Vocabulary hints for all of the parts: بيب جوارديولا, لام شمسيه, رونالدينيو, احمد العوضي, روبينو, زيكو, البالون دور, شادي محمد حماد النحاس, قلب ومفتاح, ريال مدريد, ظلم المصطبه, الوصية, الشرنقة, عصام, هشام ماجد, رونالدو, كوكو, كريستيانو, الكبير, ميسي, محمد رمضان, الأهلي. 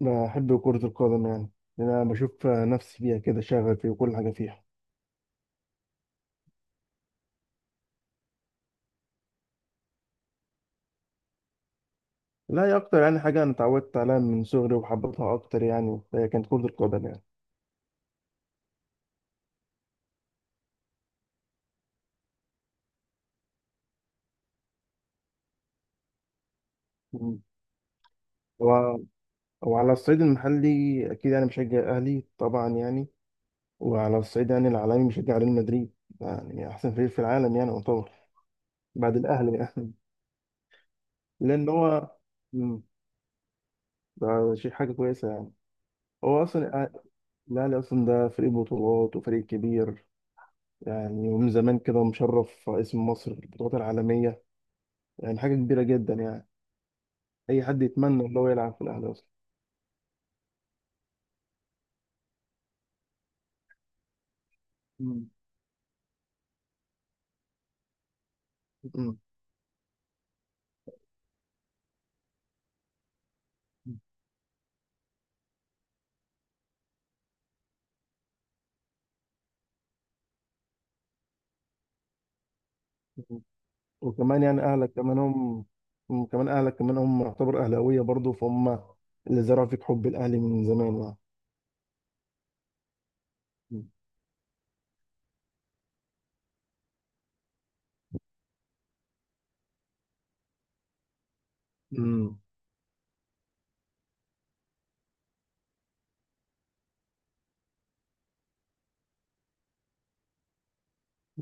بحب كرة القدم يعني. لأن أنا بشوف نفسي فيها كده، شغفي وكل حاجة فيها. لا، هي أكتر يعني حاجة أنا اتعودت عليها من صغري وحبيتها أكتر يعني، هي كانت كرة القدم يعني. مم. و- وعلى الصعيد المحلي، أكيد يعني بشجع أهلي طبعا يعني. وعلى الصعيد يعني العالمي بشجع ريال مدريد، يعني أحسن فريق في العالم يعني يعتبر. بعد الأهلي يعني. لأن هو. مم. ده شيء حاجة كويسة يعني. هو أصلا الأهلي أصلا ده فريق بطولات وفريق كبير، يعني ومن زمان كده مشرف اسم مصر في البطولات العالمية، يعني حاجة كبيرة جدا يعني. أي حد يتمنى إن هو يلعب في الأهلي أصلا. مم. أمم. وكمان يعني أهلك كمان هم كمان أهلك كمان هم يعتبر أهلاوية برضه، فهم اللي زرعوا فيك حب الأهلي من زمان يعني. مم. أمم.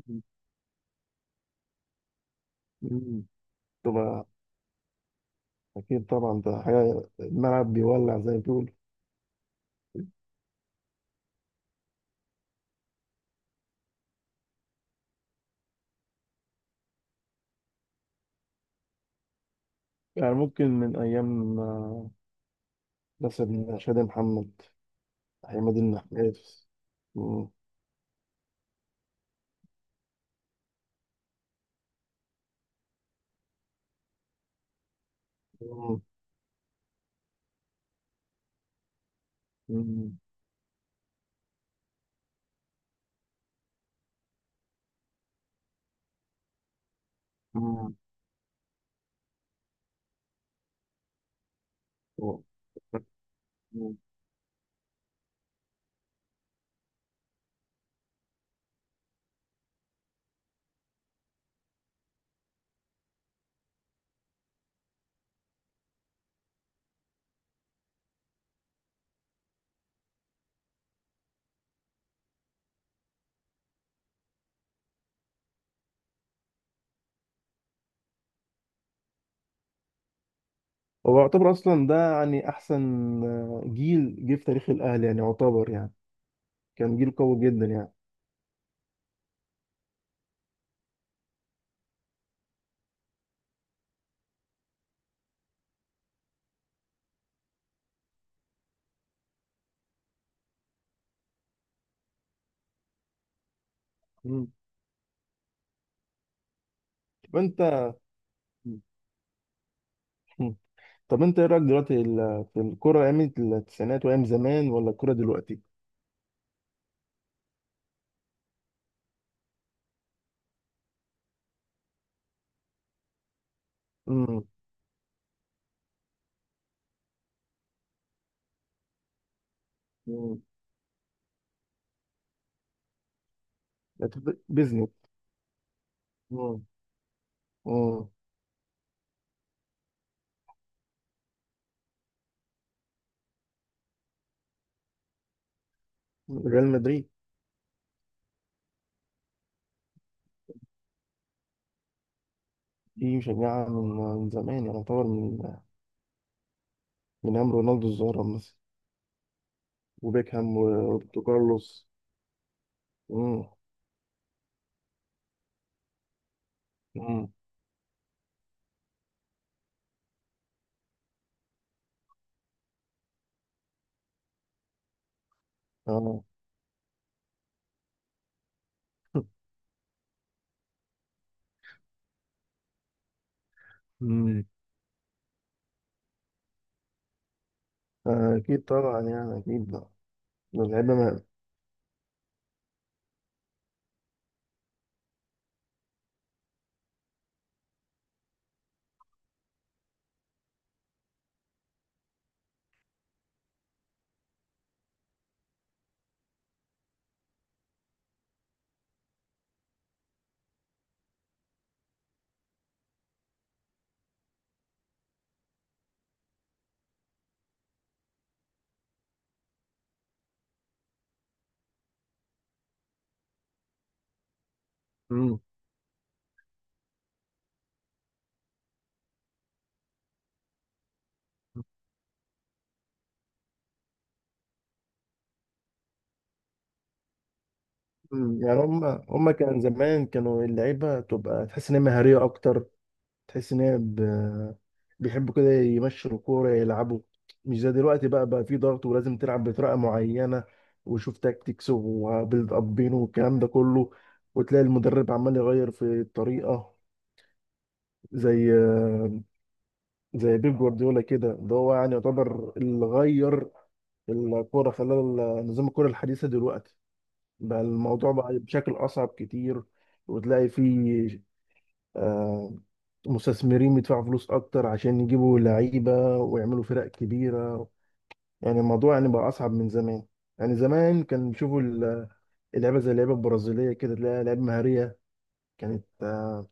مم. أمم. طبعا. أكيد طبعا ده حاجة الملعب بيولع زي ما بيقولوا. يعني ممكن من أيام مثلا شادي محمد، حماد النحاس. مم. مم. مم. هو يعتبر اصلا ده يعني احسن جيل جه في تاريخ الاهلي يعني يعتبر يعني. كان جيل قوي جدا يعني. مم. طب انت مم. طب انت ايه رايك دلوقتي في الكوره ايام التسعينات وايام زمان، ولا الكوره دلوقتي؟ امم. بيزنس. مم. مم. ريال مدريد. دي مشجعه من، من زمان يعني يعتبر، من ايام رونالدو الظاهره مثلا، وبيكهام وروبرتو كارلوس. مم. مم. اه. مم. أكيد طبعا يعني أكيد ده اللعيبة مم. مم. يعني هم كان زمان كانوا اللعيبة تبقى تحس إن هي مهارية أكتر، تحس إن هي بيحبوا كده يمشوا الكورة يلعبوا. مش زي دلوقتي بقى في ضغط ولازم تلعب بطريقة معينة، وشوف تاكتكس وبيلد أبين والكلام ده كله. وتلاقي المدرب عمال يغير في الطريقة، زي زي بيب جوارديولا كده، ده هو يعني يعتبر اللي غير الكورة، خلال نظام الكورة الحديثة دلوقتي. بقى الموضوع بقى بشكل أصعب كتير. وتلاقي فيه آه، مستثمرين بيدفعوا فلوس أكتر عشان يجيبوا لعيبة ويعملوا فرق كبيرة. يعني الموضوع يعني بقى أصعب من زمان. يعني زمان كان بيشوفوا اللعيبة زي اللعيبة البرازيلية كده، تلاقي لعيبة مهارية كانت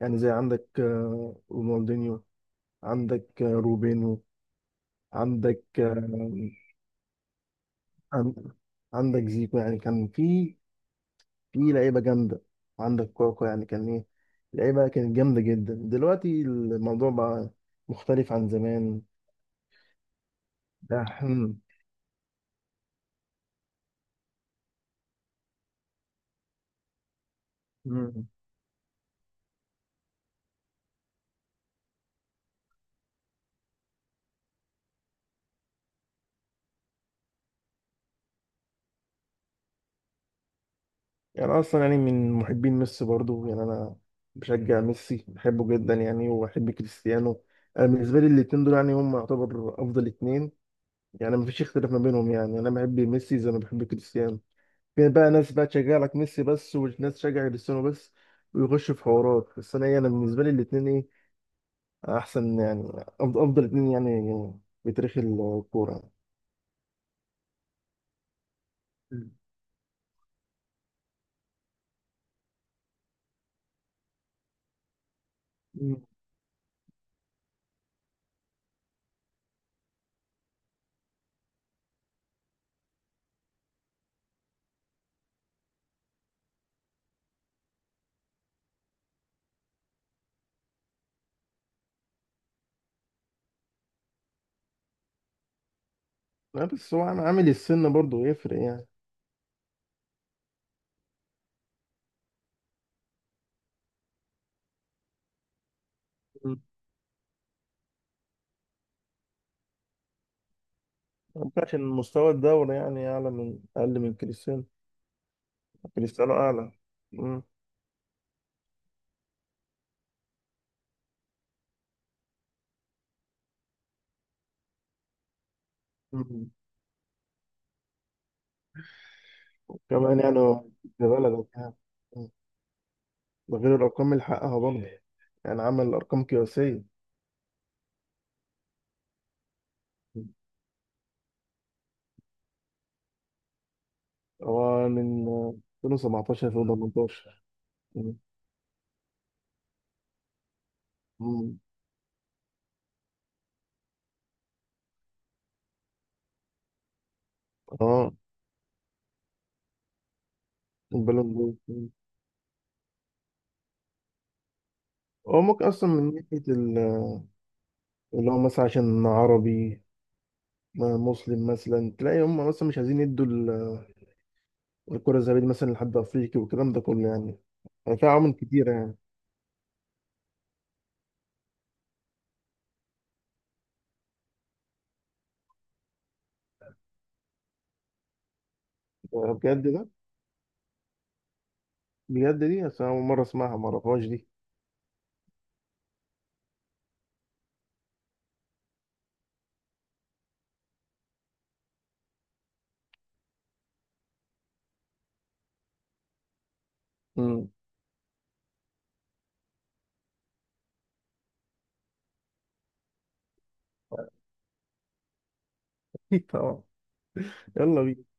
يعني زي عندك رونالدينيو، عندك روبينو، عندك عن- عندك زيكو يعني كان في لعيبه جامده. عندك كوكو يعني كان ايه، لعيبه كانت جامده جدا. دلوقتي الموضوع بقى مختلف عن زمان. ده احنا. مم. يعني اصلا يعني من محبين ميسي برضو يعني انا. بشجع ميسي بحبه جدا يعني، وبحب كريستيانو. انا بالنسبه لي الاتنين دول يعني هم يعتبر افضل اتنين يعني. مفيش اختلاف ما بينهم يعني. انا بحب ميسي زي ما بحب كريستيانو. في بقى ناس بقى تشجع لك ميسي بس، وناس تشجع كريستيانو بس، ويخشوا في حوارات. بس انا انا بالنسبه لي الاتنين ايه احسن يعني، افضل اتنين يعني في تاريخ الكوره. مم. مم. لا بس هو عامل السن برضه يفرق يعني. مم. ما ينفعش إن مستوى الدوري يعني اعلى، من اقل من كريستيانو. كريستيانو اعلى. مم. مم. كمان يعني هو ابن بلدك يعني. مم. ده غير الارقام اللي حققها برضه، يعني عمل ارقام قياسيه. مم. هو من 2017 2018. مم. اه. البالون دور. مم. هو ممكن اصلا من ناحيه، اللي هو مثلا عشان عربي مسلم مثلا، تلاقي هم مثلا مش عايزين يدوا الكرة الذهبية دي مثلا لحد أفريقي والكلام ده كله يعني. يعني في عوامل كتيرة يعني. بجد ده بجد دي أصل، أنا أول مرة أسمعها، ما أعرفهاش دي. أمم. طبعا. يلا بينا.